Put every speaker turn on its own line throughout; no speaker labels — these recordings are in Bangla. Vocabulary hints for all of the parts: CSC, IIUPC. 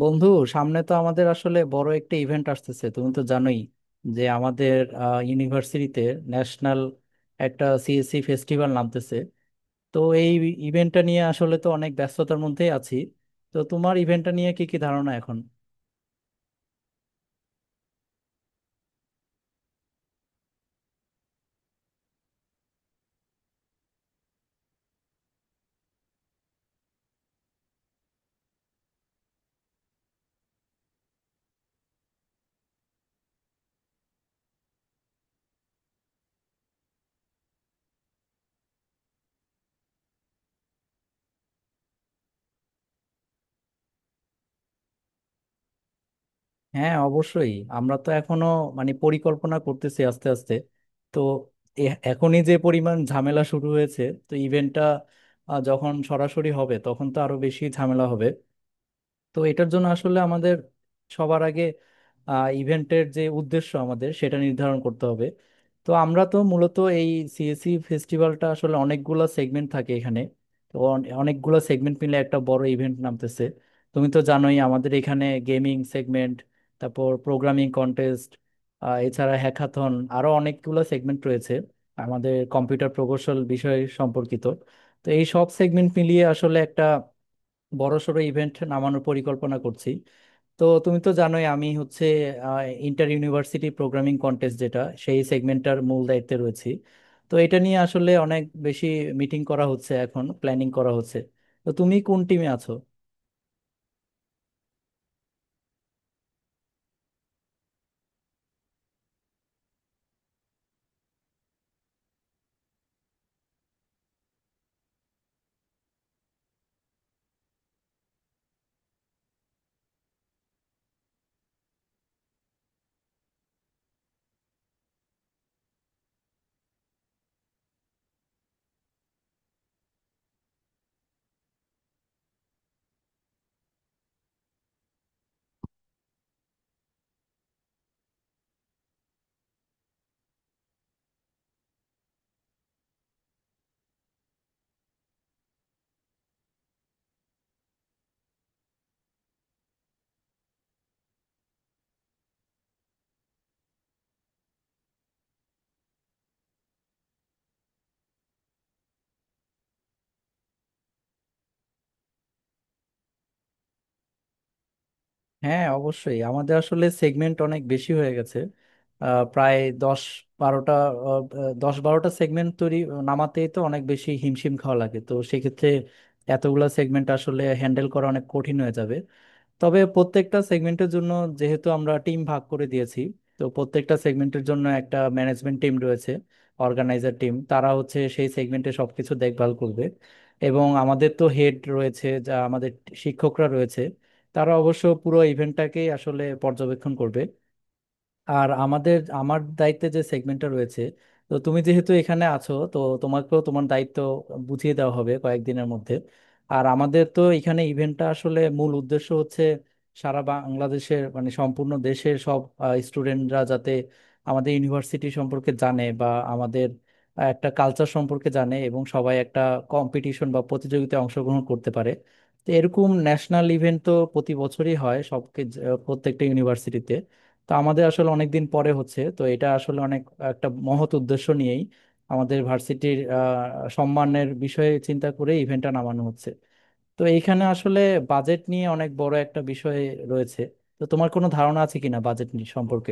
বন্ধু, সামনে তো আমাদের আসলে বড় একটা ইভেন্ট আসতেছে, তুমি তো জানোই যে আমাদের ইউনিভার্সিটিতে ন্যাশনাল একটা সিএসসি ফেস্টিভ্যাল নামতেছে। তো এই ইভেন্টটা নিয়ে আসলে তো অনেক ব্যস্ততার মধ্যেই আছি। তো তোমার ইভেন্টটা নিয়ে কি কি ধারণা এখন? হ্যাঁ অবশ্যই, আমরা তো এখনো মানে পরিকল্পনা করতেছি আস্তে আস্তে। তো এখনই যে পরিমাণ ঝামেলা শুরু হয়েছে, তো ইভেন্টটা যখন সরাসরি হবে তখন তো আরো বেশি ঝামেলা হবে। তো এটার জন্য আসলে আমাদের সবার আগে ইভেন্টের যে উদ্দেশ্য আমাদের সেটা নির্ধারণ করতে হবে। তো আমরা তো মূলত এই সিএসি ফেস্টিভ্যালটা আসলে অনেকগুলা সেগমেন্ট থাকে এখানে। তো অনেকগুলো সেগমেন্ট মিলে একটা বড় ইভেন্ট নামতেছে। তুমি তো জানোই আমাদের এখানে গেমিং সেগমেন্ট, তারপর প্রোগ্রামিং কন্টেস্ট, এছাড়া হ্যাকাথন, আরো অনেকগুলো সেগমেন্ট রয়েছে আমাদের কম্পিউটার প্রকৌশল বিষয় সম্পর্কিত। তো এই সব সেগমেন্ট মিলিয়ে আসলে একটা বড়সড় ইভেন্ট নামানোর পরিকল্পনা করছি। তো তুমি তো জানোই আমি হচ্ছে ইন্টার ইউনিভার্সিটি প্রোগ্রামিং কন্টেস্ট যেটা, সেই সেগমেন্টটার মূল দায়িত্বে রয়েছি। তো এটা নিয়ে আসলে অনেক বেশি মিটিং করা হচ্ছে এখন, প্ল্যানিং করা হচ্ছে। তো তুমি কোন টিমে আছো? হ্যাঁ অবশ্যই, আমাদের আসলে সেগমেন্ট অনেক বেশি হয়ে গেছে। প্রায় বারোটা 10-12টা সেগমেন্ট তৈরি নামাতেই তো অনেক বেশি হিমশিম খাওয়া লাগে, তো সেক্ষেত্রে এতগুলা সেগমেন্ট আসলে হ্যান্ডেল করা অনেক কঠিন হয়ে যাবে। তবে প্রত্যেকটা সেগমেন্টের জন্য যেহেতু আমরা টিম ভাগ করে দিয়েছি, তো প্রত্যেকটা সেগমেন্টের জন্য একটা ম্যানেজমেন্ট টিম রয়েছে, অর্গানাইজার টিম। তারা হচ্ছে সেই সেগমেন্টে সবকিছু দেখভাল করবে। এবং আমাদের তো হেড রয়েছে, যা আমাদের শিক্ষকরা রয়েছে, তারা অবশ্য পুরো ইভেন্টটাকেই আসলে পর্যবেক্ষণ করবে। আর আমাদের আমার দায়িত্বে যে সেগমেন্টটা রয়েছে, তো তুমি যেহেতু এখানে আছো, তো তোমাকেও তোমার দায়িত্ব বুঝিয়ে দেওয়া হবে কয়েকদিনের মধ্যে। আর আমাদের তো এখানে ইভেন্টটা আসলে মূল উদ্দেশ্য হচ্ছে সারা বাংলাদেশের মানে সম্পূর্ণ দেশের সব স্টুডেন্টরা যাতে আমাদের ইউনিভার্সিটি সম্পর্কে জানে বা আমাদের একটা কালচার সম্পর্কে জানে এবং সবাই একটা কম্পিটিশন বা প্রতিযোগিতায় অংশগ্রহণ করতে পারে। তো এরকম ন্যাশনাল ইভেন্ট তো প্রতি বছরই হয় প্রত্যেকটা ইউনিভার্সিটিতে। তো আমাদের আসলে অনেক দিন পরে হচ্ছে, তো এটা আসলে অনেক একটা মহৎ উদ্দেশ্য নিয়েই আমাদের ভার্সিটির সম্মানের বিষয়ে চিন্তা করে ইভেন্টটা নামানো হচ্ছে। তো এইখানে আসলে বাজেট নিয়ে অনেক বড় একটা বিষয় রয়েছে। তো তোমার কোনো ধারণা আছে কিনা বাজেট নিয়ে সম্পর্কে?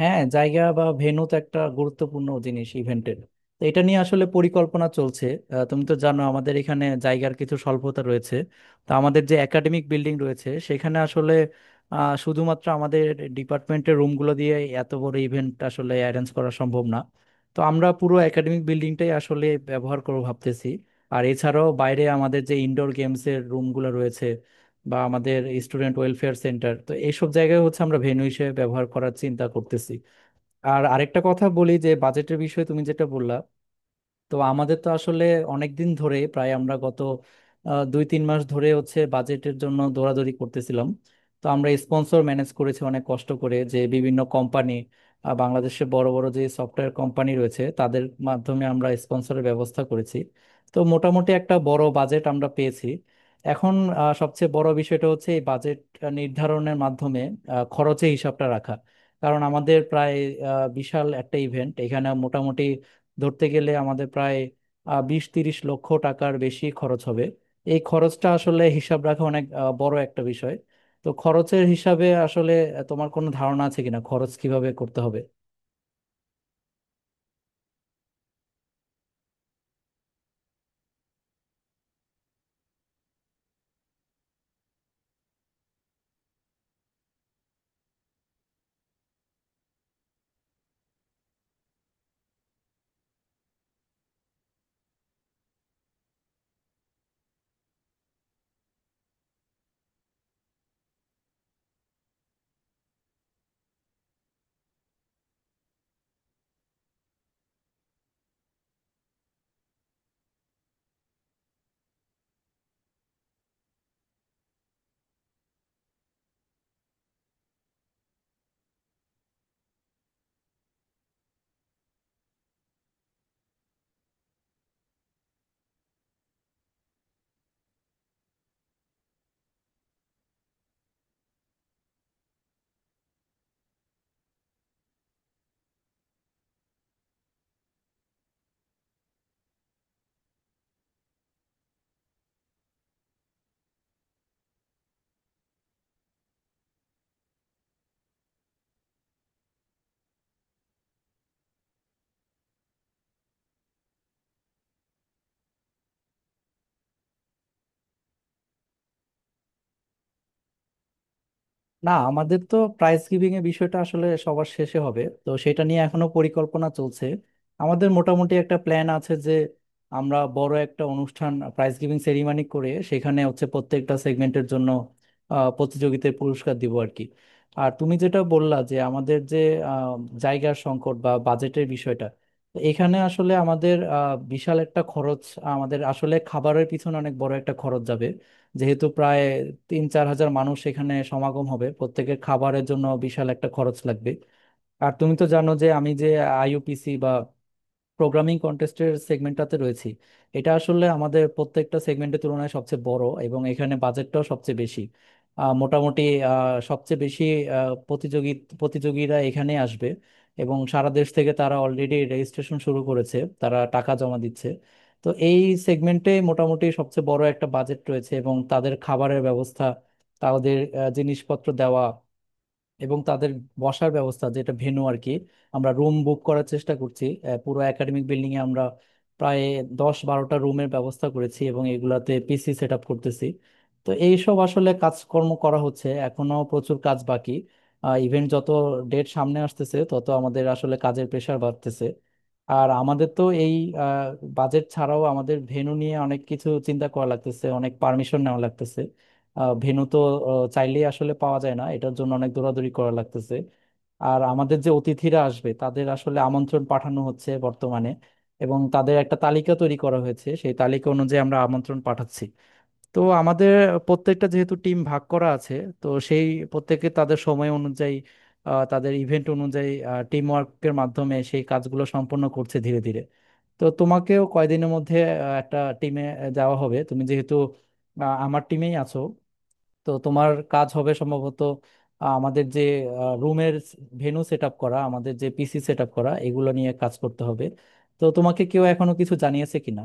হ্যাঁ, জায়গা বা ভেন্যু তো একটা গুরুত্বপূর্ণ জিনিস ইভেন্টের। তো এটা নিয়ে আসলে পরিকল্পনা চলছে। তুমি তো জানো আমাদের এখানে জায়গার কিছু স্বল্পতা রয়েছে। তো আমাদের যে একাডেমিক বিল্ডিং রয়েছে সেখানে আসলে শুধুমাত্র আমাদের ডিপার্টমেন্টের রুমগুলো দিয়ে এত বড় ইভেন্ট আসলে অ্যারেঞ্জ করা সম্ভব না। তো আমরা পুরো একাডেমিক বিল্ডিংটাই আসলে ব্যবহার করবো ভাবতেছি। আর এছাড়াও বাইরে আমাদের যে ইনডোর গেমসের রুমগুলো রয়েছে বা আমাদের স্টুডেন্ট ওয়েলফেয়ার সেন্টার, তো এইসব জায়গায় হচ্ছে আমরা ভেন্যু হিসেবে ব্যবহার করার চিন্তা করতেছি। আর আরেকটা কথা বলি, যে বাজেটের বিষয়ে তুমি যেটা বললা, তো আমাদের তো আসলে অনেক দিন ধরে, প্রায় আমরা গত 2-3 মাস ধরে হচ্ছে বাজেটের জন্য দৌড়াদৌড়ি করতেছিলাম। তো আমরা স্পন্সর ম্যানেজ করেছি অনেক কষ্ট করে, যে বিভিন্ন কোম্পানি, বাংলাদেশে বড় বড় যে সফটওয়্যার কোম্পানি রয়েছে, তাদের মাধ্যমে আমরা স্পন্সরের ব্যবস্থা করেছি। তো মোটামুটি একটা বড় বাজেট আমরা পেয়েছি। এখন সবচেয়ে বড় বিষয়টা হচ্ছে এই বাজেট নির্ধারণের মাধ্যমে খরচের হিসাবটা রাখা। কারণ আমাদের প্রায় বিশাল একটা ইভেন্ট, এখানে মোটামুটি ধরতে গেলে আমাদের প্রায় 20-30 লক্ষ টাকার বেশি খরচ হবে। এই খরচটা আসলে হিসাব রাখা অনেক বড় একটা বিষয়। তো খরচের হিসাবে আসলে তোমার কোনো ধারণা আছে কিনা খরচ কিভাবে করতে হবে? না, আমাদের তো প্রাইজ গিভিং এর বিষয়টা আসলে সবার শেষে হবে, তো সেটা নিয়ে এখনো পরিকল্পনা চলছে। আমাদের মোটামুটি একটা প্ল্যান আছে যে আমরা বড় একটা অনুষ্ঠান প্রাইজ গিভিং সেরিমনি করে সেখানে হচ্ছে প্রত্যেকটা সেগমেন্টের জন্য প্রতিযোগিতায় পুরস্কার দিব আর কি। আর তুমি যেটা বললা যে আমাদের যে আহ, জায়গার সংকট বা বাজেটের বিষয়টা, তো এখানে আসলে আমাদের বিশাল একটা খরচ, আমাদের আসলে খাবারের পিছনে অনেক বড় একটা খরচ যাবে। যেহেতু প্রায় 3-4 হাজার মানুষ এখানে সমাগম হবে, প্রত্যেকের খাবারের জন্য বিশাল একটা খরচ লাগবে। আর তুমি তো জানো যে আমি যে আইইউপিসি বা প্রোগ্রামিং কন্টেস্টের সেগমেন্টটাতে রয়েছি, এটা আসলে আমাদের প্রত্যেকটা সেগমেন্টের তুলনায় সবচেয়ে বড় এবং এখানে বাজেটটাও সবচেয়ে বেশি। মোটামুটি আহ, সবচেয়ে বেশি আহ, প্রতিযোগী প্রতিযোগীরা এখানে আসবে এবং সারা দেশ থেকে। তারা অলরেডি রেজিস্ট্রেশন শুরু করেছে, তারা টাকা জমা দিচ্ছে। তো এই সেগমেন্টে মোটামুটি সবচেয়ে বড় একটা বাজেট রয়েছে এবং তাদের খাবারের ব্যবস্থা, তাদের জিনিসপত্র দেওয়া এবং তাদের বসার ব্যবস্থা, যেটা ভেন্যু আর কি। আমরা রুম বুক করার চেষ্টা করছি, পুরো একাডেমিক বিল্ডিং এ আমরা প্রায় 10-12টা রুমের ব্যবস্থা করেছি এবং এগুলাতে পিসি সেট আপ করতেছি। তো এইসব আসলে কাজকর্ম করা হচ্ছে, এখনো প্রচুর কাজ বাকি। ইভেন্ট যত ডেট সামনে আসতেছে তত আমাদের আসলে কাজের প্রেশার বাড়তেছে। আর আমাদের তো এই বাজেট ছাড়াও আমাদের ভেন্যু নিয়ে অনেক কিছু চিন্তা করা লাগতেছে, অনেক পারমিশন নেওয়া লাগতেছে। ভেন্যু তো চাইলেই আসলে পাওয়া যায় না, এটার জন্য অনেক দৌড়াদৌড়ি করা লাগতেছে। আর আমাদের যে অতিথিরা আসবে তাদের আসলে আমন্ত্রণ পাঠানো হচ্ছে বর্তমানে, এবং তাদের একটা তালিকা তৈরি করা হয়েছে, সেই তালিকা অনুযায়ী আমরা আমন্ত্রণ পাঠাচ্ছি। তো আমাদের প্রত্যেকটা যেহেতু টিম ভাগ করা আছে, তো সেই প্রত্যেকে তাদের সময় অনুযায়ী, তাদের ইভেন্ট অনুযায়ী টিম ওয়ার্কের মাধ্যমে সেই কাজগুলো সম্পন্ন করছে ধীরে ধীরে। তো তোমাকেও কয়দিনের মধ্যে একটা টিমে যাওয়া হবে, তুমি যেহেতু আমার টিমেই আছো। তো তোমার কাজ হবে সম্ভবত আমাদের যে রুমের ভেন্যু সেট আপ করা, আমাদের যে পিসি সেট আপ করা, এগুলো নিয়ে কাজ করতে হবে। তো তোমাকে কেউ এখনো কিছু জানিয়েছে কিনা?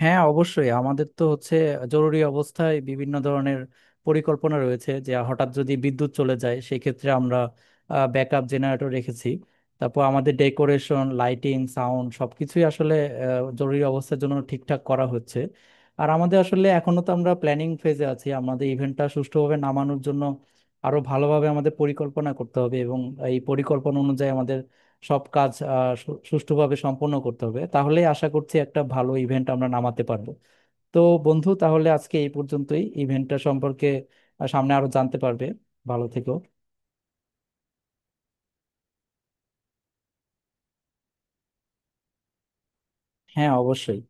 হ্যাঁ অবশ্যই, আমাদের তো হচ্ছে জরুরি অবস্থায় বিভিন্ন ধরনের পরিকল্পনা রয়েছে। যে হঠাৎ যদি বিদ্যুৎ চলে যায় সেক্ষেত্রে আমরা ব্যাকআপ জেনারেটর রেখেছি। তারপর আমাদের ডেকোরেশন, লাইটিং, সাউন্ড সবকিছুই আসলে জরুরি অবস্থার জন্য ঠিকঠাক করা হচ্ছে। আর আমাদের আসলে এখনো তো আমরা প্ল্যানিং ফেজে আছি, আমাদের ইভেন্টটা সুষ্ঠুভাবে নামানোর জন্য আরো ভালোভাবে আমাদের পরিকল্পনা করতে হবে এবং এই পরিকল্পনা অনুযায়ী আমাদের সব কাজ সুষ্ঠুভাবে সম্পন্ন করতে হবে, তাহলে আশা করছি একটা ভালো ইভেন্ট আমরা নামাতে পারবো। তো বন্ধু, তাহলে আজকে এই পর্যন্তই। ইভেন্টটা সম্পর্কে সামনে আরো জানতে পারবে। ভালো থেকো। হ্যাঁ অবশ্যই।